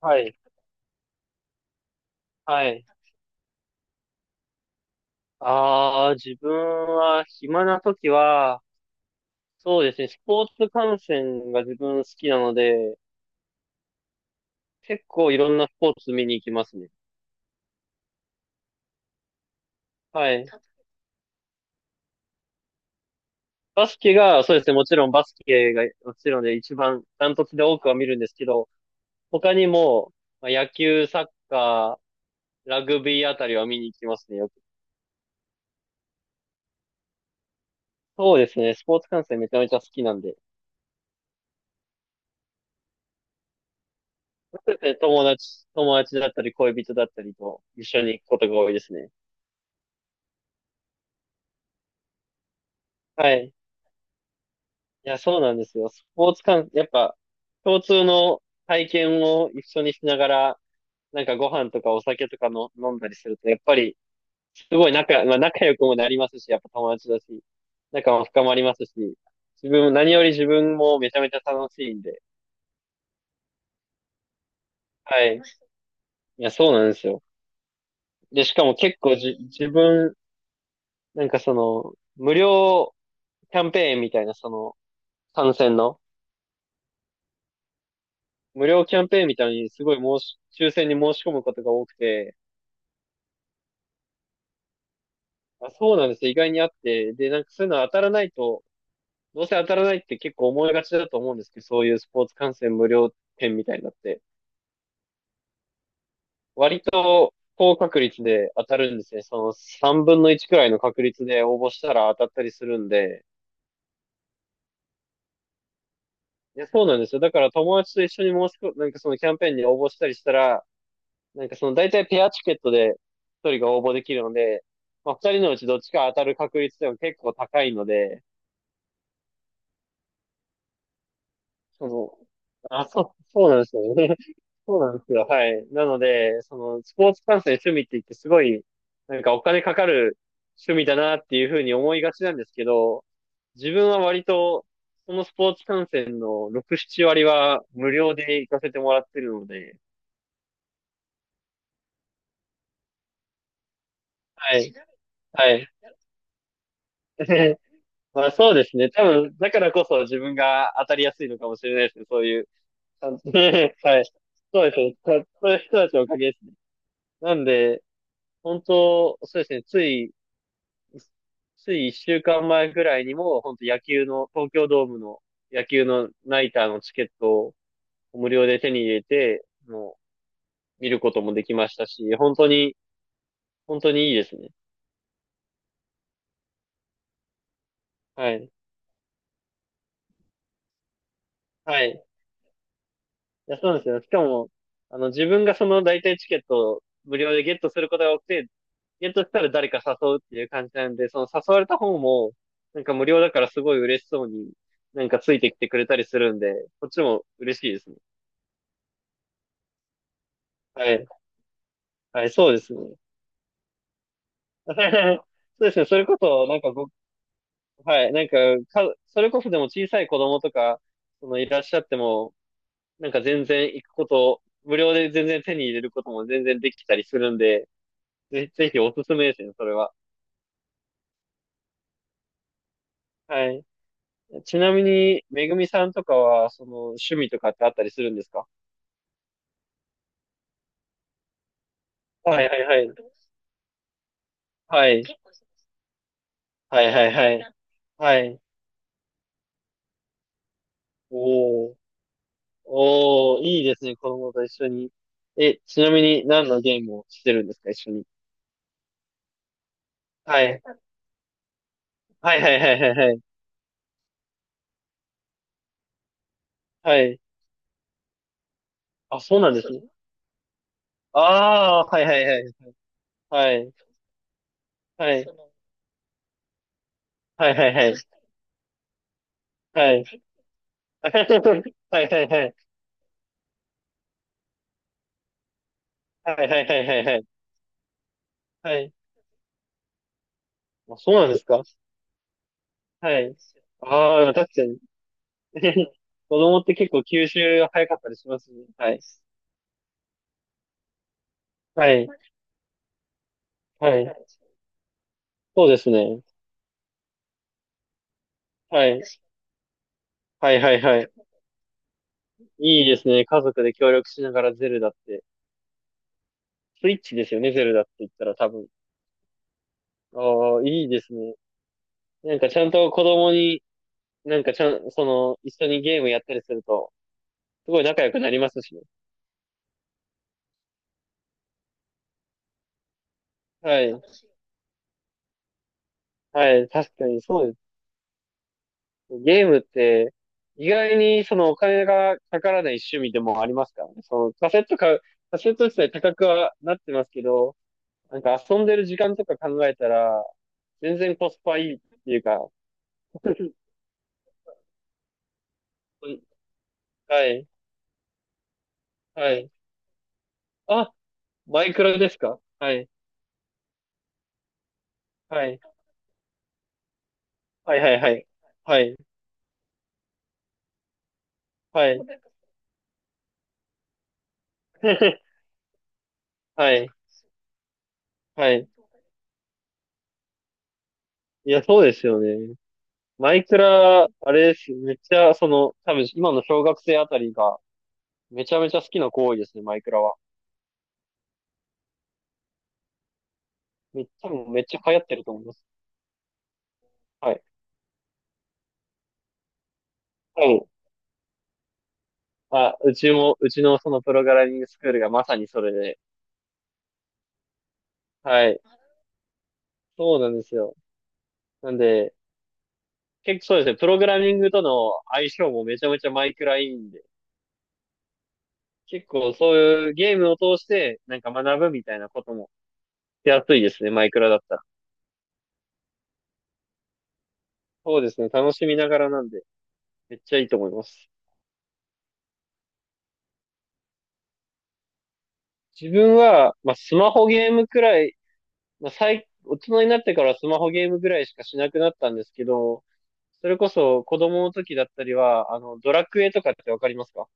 はい。はい。自分は暇な時は、そうですね、スポーツ観戦が自分好きなので、結構いろんなスポーツ見に行きますね。はい。バスケが、そうですね、もちろん一番ダントツで多くは見るんですけど、他にも、野球、サッカー、ラグビーあたりは見に行きますね、よく。そうですね、スポーツ観戦めちゃめちゃ好きなんで、そうですね友達だったり恋人だったりと一緒に行くことが多いですね。はい。いや、そうなんですよ。スポーツ観、やっぱ、共通の体験を一緒にしながら、なんかご飯とかお酒とかの飲んだりすると、やっぱり、すごい仲、まあ、仲良くもなりますし、やっぱ友達だし、仲も深まりますし、自分も、何より自分もめちゃめちゃ楽しいんで。はい。いや、そうなんですよ。で、しかも結構じ、自分、なんかその、無料キャンペーンみたいな、その、参戦の、無料キャンペーンみたいにすごい申し、抽選に申し込むことが多くて。あ、そうなんですよ。意外にあって。で、なんかそういうの当たらないと、どうせ当たらないって結構思いがちだと思うんですけど、そういうスポーツ観戦無料券みたいになって。割と高確率で当たるんですね。その3分の1くらいの確率で応募したら当たったりするんで。いや、そうなんですよ。だから友達と一緒に申し込、なんかそのキャンペーンに応募したりしたら、なんかその大体ペアチケットで一人が応募できるので、まあ二人のうちどっちか当たる確率でも結構高いので。その、そうなんですよね。そうなんですよ。はい。なので、その、スポーツ観戦趣味って言って、すごいなんかお金かかる趣味だなっていうふうに思いがちなんですけど、自分は割と、そのスポーツ観戦の6、7割は無料で行かせてもらってるので。はい。はい。まあそうですね。多分、だからこそ自分が当たりやすいのかもしれないですね、そういう感じ。はい。そうですね。そういう人たちのおかげですね。なんで、本当、そうですね。ついつい1週間前ぐらいにも、本当野球の、東京ドームの野球のナイターのチケットを無料で手に入れて、もう見ることもできましたし、本当に、本当にいいですね。はい。はい。いや、そうなんですよ。しかも、自分がその大体チケットを無料でゲットすることが多くて、ゲットしたら誰か誘うっていう感じなんで、その誘われた方も、なんか無料だからすごい嬉しそうになんかついてきてくれたりするんで、こっちも嬉しいですね。はい。はい、そうですね。そうですね。それこそ、なんかごはい。それこそでも小さい子供とかそのいらっしゃっても、なんか全然行くこと、無料で全然手に入れることも全然できたりするんで、ぜひおすすめですね、それは。はい。ちなみに、めぐみさんとかは、その趣味とかってあったりするんですか？はいはいはい。はい。はいはいはい。はい。おー。おー、いいですね、子供と一緒に。え、ちなみに何のゲームをしてるんですか、一緒に？はい。はいはいはいはいはい。はい。あ、そうなんですね。ああ、はいはいはい。はい。はい。はいはいはい。はい。はいはいはい。はいはいはいはいはい。はい。あ、そうなんですか？はい。ああ、確かに。子供って結構吸収早かったりしますね。はい。はい。はい。そうですね。はい。はいはいはい。いいですね。家族で協力しながらゼルダって。スイッチですよね、ゼルダって言ったら多分。ああ、いいですね。なんかちゃんと子供になんかちゃん、その、一緒にゲームやったりすると、すごい仲良くなりますしね。はい。はい。確かにそうです。ゲームって、意外にそのお金がかからない趣味でもありますからね。カセット自体高くはなってますけど、なんか遊んでる時間とか考えたら、全然コスパいいっていうか。はい、はい。あ、マイクロですか？はい、はい、はい、はい、はい、はい、はい、はい、はい。いや、そうですよね。マイクラ、あれです。めっちゃ、その、多分今の小学生あたりがめちゃめちゃ好きな行為ですね、マイクラは。多分めっちゃ流行ってると思います。はい。はい。うちのそのプログラミングスクールがまさにそれで。はい。そうなんですよ。なんで、結構そうですね、プログラミングとの相性もめちゃめちゃマイクラいいんで、結構そういうゲームを通してなんか学ぶみたいなこともしやすいですね、マイクラだったら。そうですね、楽しみながらなんで、めっちゃいいと思います。自分は、まあ、スマホゲームくらい、まあ、最、大人になってからスマホゲームぐらいしかしなくなったんですけど、それこそ子供の時だったりは、あの、ドラクエとかってわかりますか？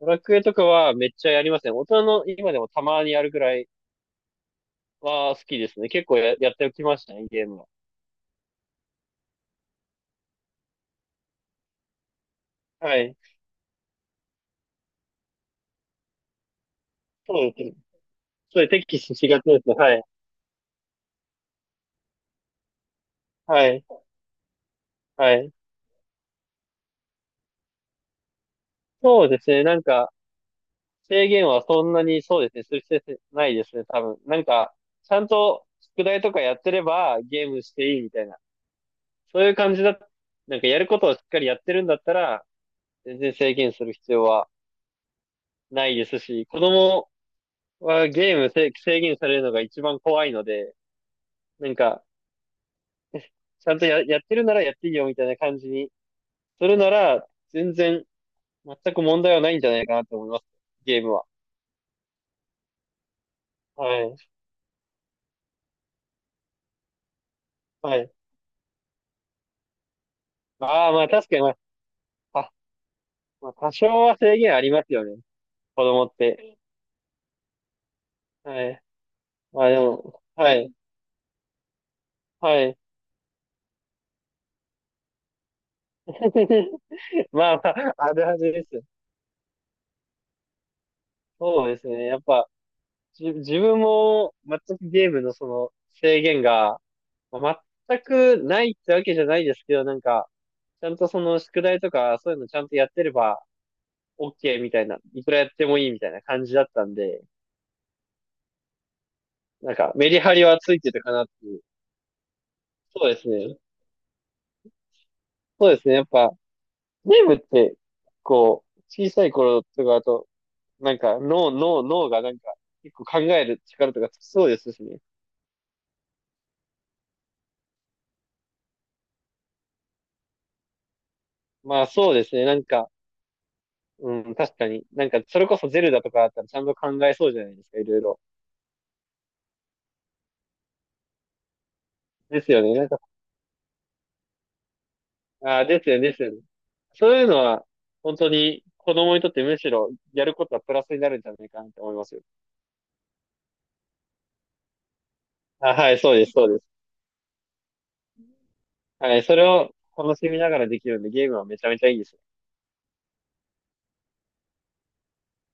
ドラクエとかはめっちゃやりますね。大人の今でもたまにやるぐらいは好きですね。結構や、やっておきましたね、ゲームは。はい。そうですね。それ、テキスがちですね。はい。はい。はい。そうですね。なんか、制限はそんなに、そうですね、する必要ないですね、多分。なんか、ちゃんと宿題とかやってればゲームしていいみたいな、そういう感じだ、なんかやることをしっかりやってるんだったら、全然制限する必要はないですし、子供はゲームせ制限されるのが一番怖いので、なんか、ちゃんとや、やってるならやっていいよみたいな感じにするなら、全く問題はないんじゃないかなと思います、ゲームは。はい。はい。ああ、まあ確かに、まあ、まあ、多少は制限ありますよね、子供って。はい。まあでも、はい。はい。まあまあ、あるはずです。そうですね。やっぱ、自分も全くゲームのその制限が、まあ全くないってわけじゃないですけど、なんか、ちゃんとその宿題とかそういうのちゃんとやってれば OK みたいな、いくらやってもいいみたいな感じだったんで、なんかメリハリはついてるかなっていう。そうですね。そうですね。やっぱ、ゲームって、こう、小さい頃とかだと、なんか脳がなんか、結構考える力とかつきそうですしね。まあそうですね、なんか、うん、確かに。なんか、それこそゼルダとかだったらちゃんと考えそうじゃないですか、いろいろ。ですよね、なんか、ああ、ですよね、ですよね。そういうのは、本当に子供にとってむしろやることはプラスになるんじゃないかなって思いますよ。あ、はい、そうです、そうです。はい、それを楽しみながらできるんで、ゲームはめちゃめちゃいいです。